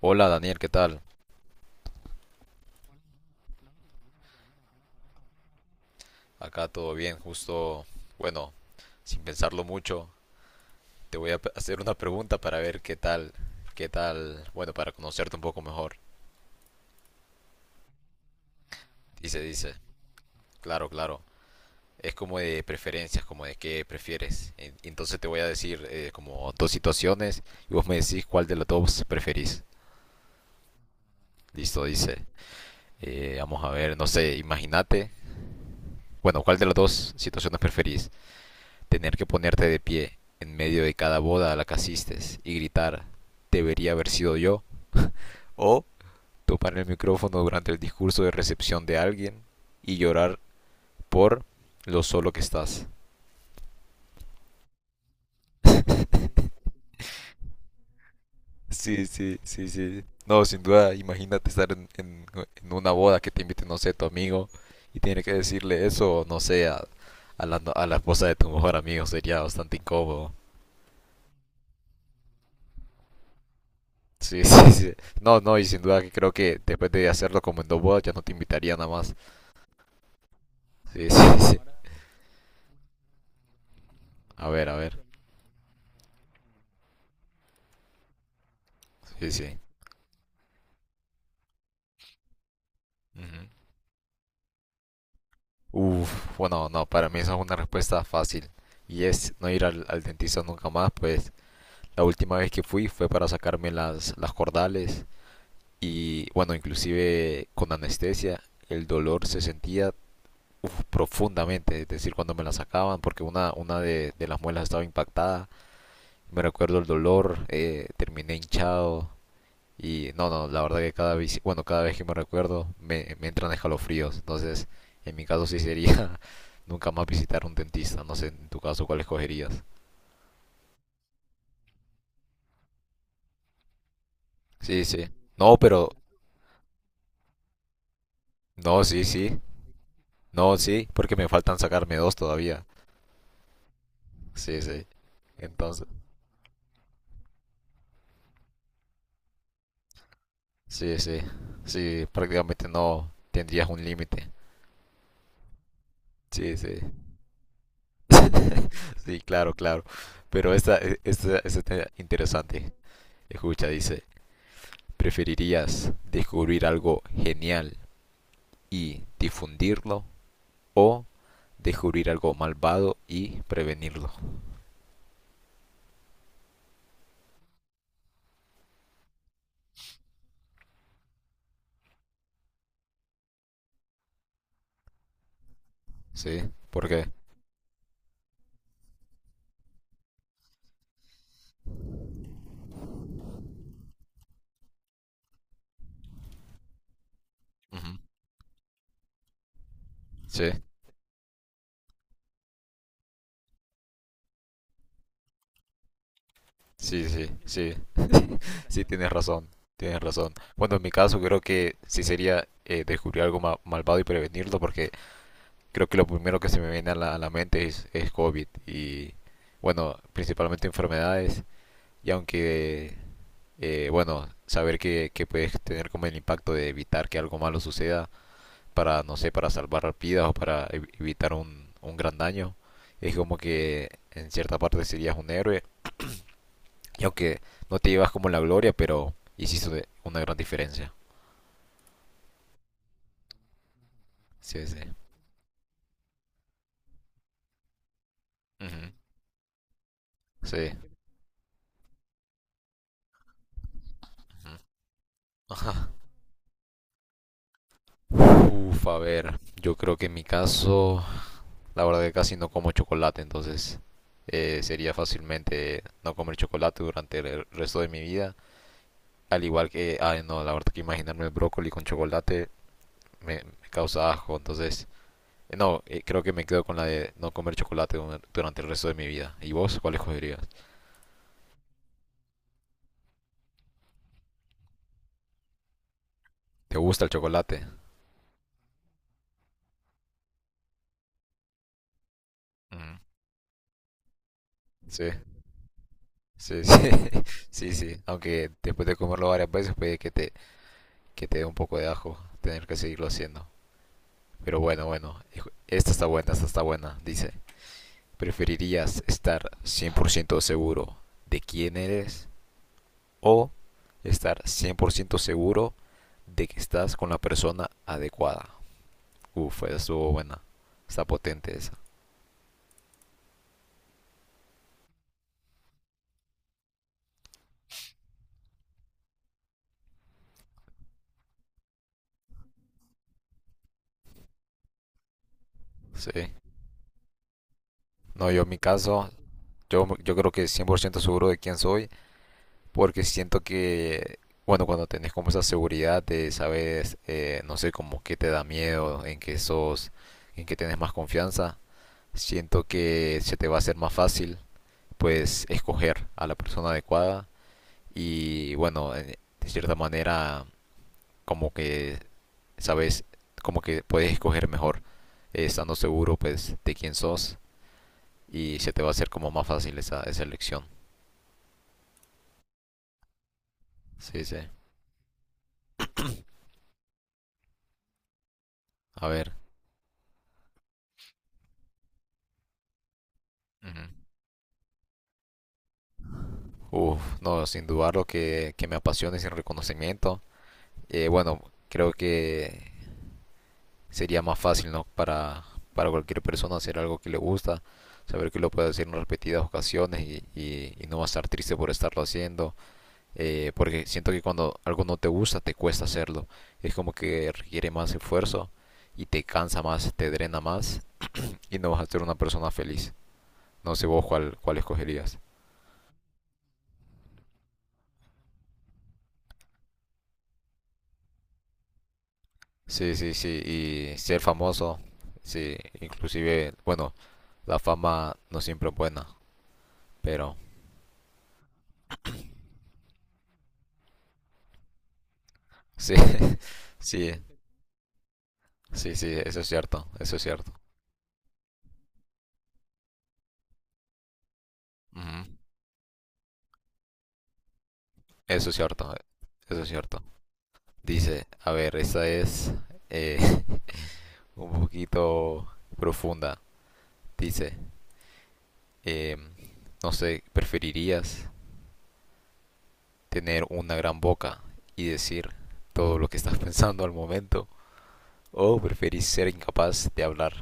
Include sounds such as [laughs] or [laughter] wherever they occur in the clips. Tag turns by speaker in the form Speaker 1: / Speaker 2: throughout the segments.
Speaker 1: Hola Daniel, ¿qué tal? Acá todo bien, justo, bueno, sin pensarlo mucho, te voy a hacer una pregunta para ver qué tal, bueno, para conocerte un poco mejor. Dice, dice, claro, claro. Es como de preferencias, como de qué prefieres. Entonces te voy a decir como dos situaciones y vos me decís cuál de las dos preferís. Listo, dice. Vamos a ver, no sé, imagínate. Bueno, ¿cuál de las dos situaciones preferís? Tener que ponerte de pie en medio de cada boda a la que asistes y gritar, debería haber sido yo, o tomar el micrófono durante el discurso de recepción de alguien y llorar por lo solo que estás. [laughs] Sí, sí, sí, sí. No, sin duda, imagínate estar en una boda que te invite, no sé, tu amigo y tener que decirle eso, no sé, a la, no- a la esposa de tu mejor amigo, sería bastante incómodo. Sí, [laughs] sí, sí. No, no, y sin duda que creo que después de hacerlo como en dos bodas ya no te invitaría nada más. Sí, sí, [laughs] sí. A ver, a ver. Sí, sí. Ujú. Uf, bueno, no, para mí esa es una respuesta fácil. Y es no ir al dentista nunca más, pues la última vez que fui fue para sacarme las cordales y bueno, inclusive con anestesia el dolor se sentía uf, profundamente, es decir, cuando me la sacaban porque una de las muelas estaba impactada, me recuerdo el dolor, terminé hinchado y no, no, la verdad que cada vez, bueno, cada vez que me recuerdo me entran escalofríos, entonces en mi caso sí sería [laughs] nunca más visitar un dentista, no sé en tu caso cuál escogerías. Sí, sí. No, pero no, sí, sí. No, sí, porque me faltan sacarme dos todavía. Sí, sí. Entonces, sí, sí. Sí, prácticamente no tendrías un límite. Sí, sí. [laughs] Sí, claro, claro. Pero esta está interesante. Escucha, dice, ¿preferirías descubrir algo genial y difundirlo o descubrir algo malvado y prevenirlo? ¿Sí? ¿Por qué? Ujú. Sí, sí, sí, sí, sí, tienes razón, tienes razón. Bueno, en mi caso creo que sí sería descubrir algo malvado y prevenirlo, porque creo que lo primero que se me viene a la mente es COVID y, bueno, principalmente enfermedades y aunque bueno, saber que, puedes tener como el impacto de evitar que algo malo suceda para, no sé, para salvar vidas o para evitar un gran daño. Es como que en cierta parte serías un héroe, y aunque no te llevas como la gloria, pero hiciste una gran diferencia. Sí, sí. Ujú. Sí. Ujú. Ajá. Uf, a ver, yo creo que en mi caso, la verdad que casi no como chocolate, entonces sería fácilmente no comer chocolate durante el resto de mi vida. Al igual que, ay no, la verdad que imaginarme el brócoli con chocolate me causa asco, entonces, no, creo que me quedo con la de no comer chocolate durante el resto de mi vida. ¿Y vos cuál escogerías? ¿Te gusta el chocolate? Mm, sí, sí, sí, [laughs] sí, sí, aunque después de comerlo varias veces puede que te dé un poco de asco tener que seguirlo haciendo. Pero bueno, bueno, esta está buena, dice. ¿Preferirías estar 100% seguro de quién eres o estar 100% seguro de que estás con la persona adecuada? Uf, esa estuvo buena. Está potente esa. Sí. No, yo en mi caso, yo creo que 100% seguro de quién soy, porque siento que, bueno, cuando tenés como esa seguridad de saber, no sé, como qué te da miedo, en qué sos, en qué tenés más confianza, siento que se te va a hacer más fácil, pues, escoger a la persona adecuada y, bueno, de cierta manera, como que, sabes, como que puedes escoger mejor. Estando seguro pues de quién sos y se te va a hacer como más fácil esa elección. Sí, sí. A ver. Ujú. Uf, no, sin dudarlo que me apasione sin reconocimiento. Bueno, creo que sería más fácil, ¿no? Para cualquier persona hacer algo que le gusta, saber que lo puede hacer en repetidas ocasiones y, y no va a estar triste por estarlo haciendo, porque siento que cuando algo no te gusta te cuesta hacerlo, es como que requiere más esfuerzo y te cansa más, te drena más, y no vas a ser una persona feliz. No sé vos cuál escogerías. Sí, sí, sí, y ser famoso, sí, inclusive, bueno, la fama no siempre es buena, pero sí, [laughs] sí, sí, sí, eso es cierto, eso es cierto. Ujú. Eso es cierto, eso es cierto. Dice, a ver, esa es eh, [laughs] un poquito profunda. Dice, em, no sé, ¿preferirías tener una gran boca y decir todo lo que estás [laughs] pensando al momento? O preferís ser incapaz de hablar.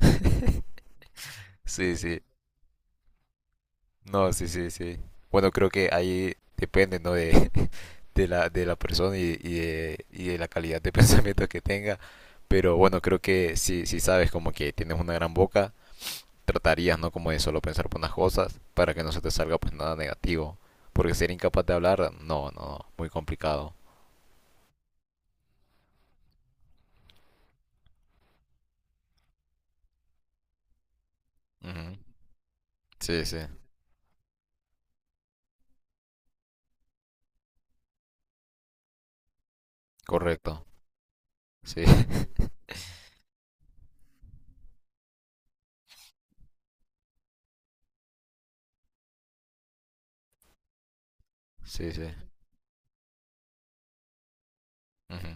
Speaker 1: [laughs] Sí, sí. No, sí, sí, sí. Bueno, creo que ahí depende, ¿no? De la persona y, y de la calidad de [laughs] pensamiento que tenga. Pero bueno, creo que si sabes como que tienes una gran boca, tratarías, ¿no? Como de solo pensar por unas cosas para que no se te salga pues nada negativo. Porque ser incapaz de hablar, no, no, no, muy complicado. Ujú. Sí, sí, correcto. Sí, [laughs] sí, sí. Ujú.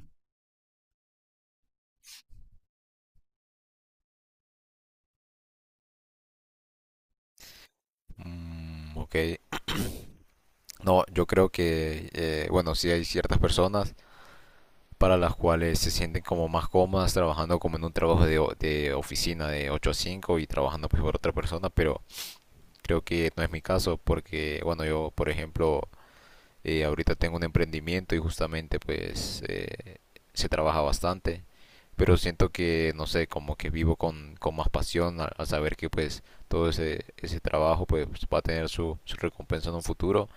Speaker 1: Ok, no, yo creo que, bueno, sí hay ciertas personas para las cuales se sienten como más cómodas trabajando como en un trabajo de oficina de 8 a 5 y trabajando pues por otra persona, pero creo que no es mi caso porque, bueno, yo, por ejemplo, ahorita tengo un emprendimiento y justamente pues se trabaja bastante, pero siento que, no sé, como que vivo con más pasión al saber que pues todo ese trabajo pues va a tener su recompensa en un futuro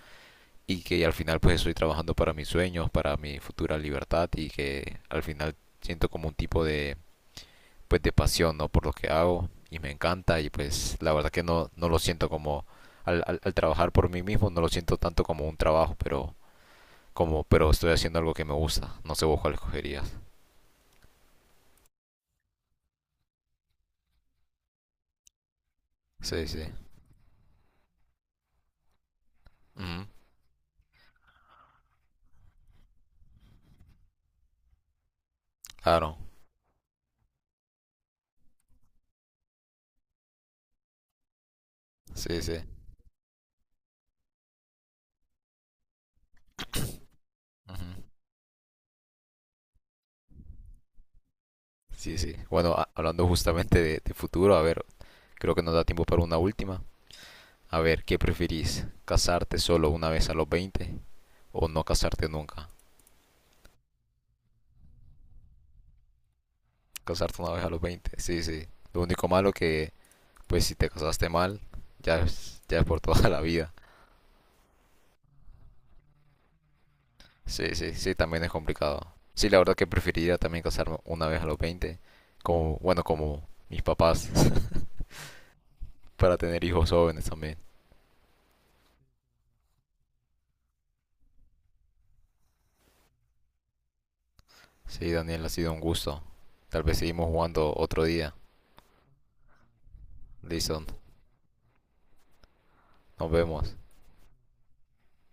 Speaker 1: y que al final pues estoy trabajando para mis sueños, para mi futura libertad y que al final siento como un tipo de pues de pasión, ¿no? Por lo que hago y me encanta, y pues la verdad que no lo siento como al trabajar por mí mismo, no lo siento tanto como un trabajo, pero como pero estoy haciendo algo que me gusta. No sé vos cuál escogerías. Sí, sí. Ujú. Claro. Sí, sí. Ujú. Sí, sí. Bueno, hablando justamente de futuro, a ver, creo que nos da tiempo para una última. A ver, ¿qué preferís? ¿Casarte solo una vez a los 20 o no casarte nunca? Casarte una vez a los 20, sí, sí. Lo único malo que, pues si te casaste mal, ya es por toda la vida. Sí, sí, sí, también es complicado. Sí, la verdad que preferiría también casarme una vez a los 20, como, bueno, como mis papás, [laughs] para tener hijos jóvenes también. Sí, Daniel, ha sido un gusto. Tal vez seguimos jugando otro día. Listo, nos vemos.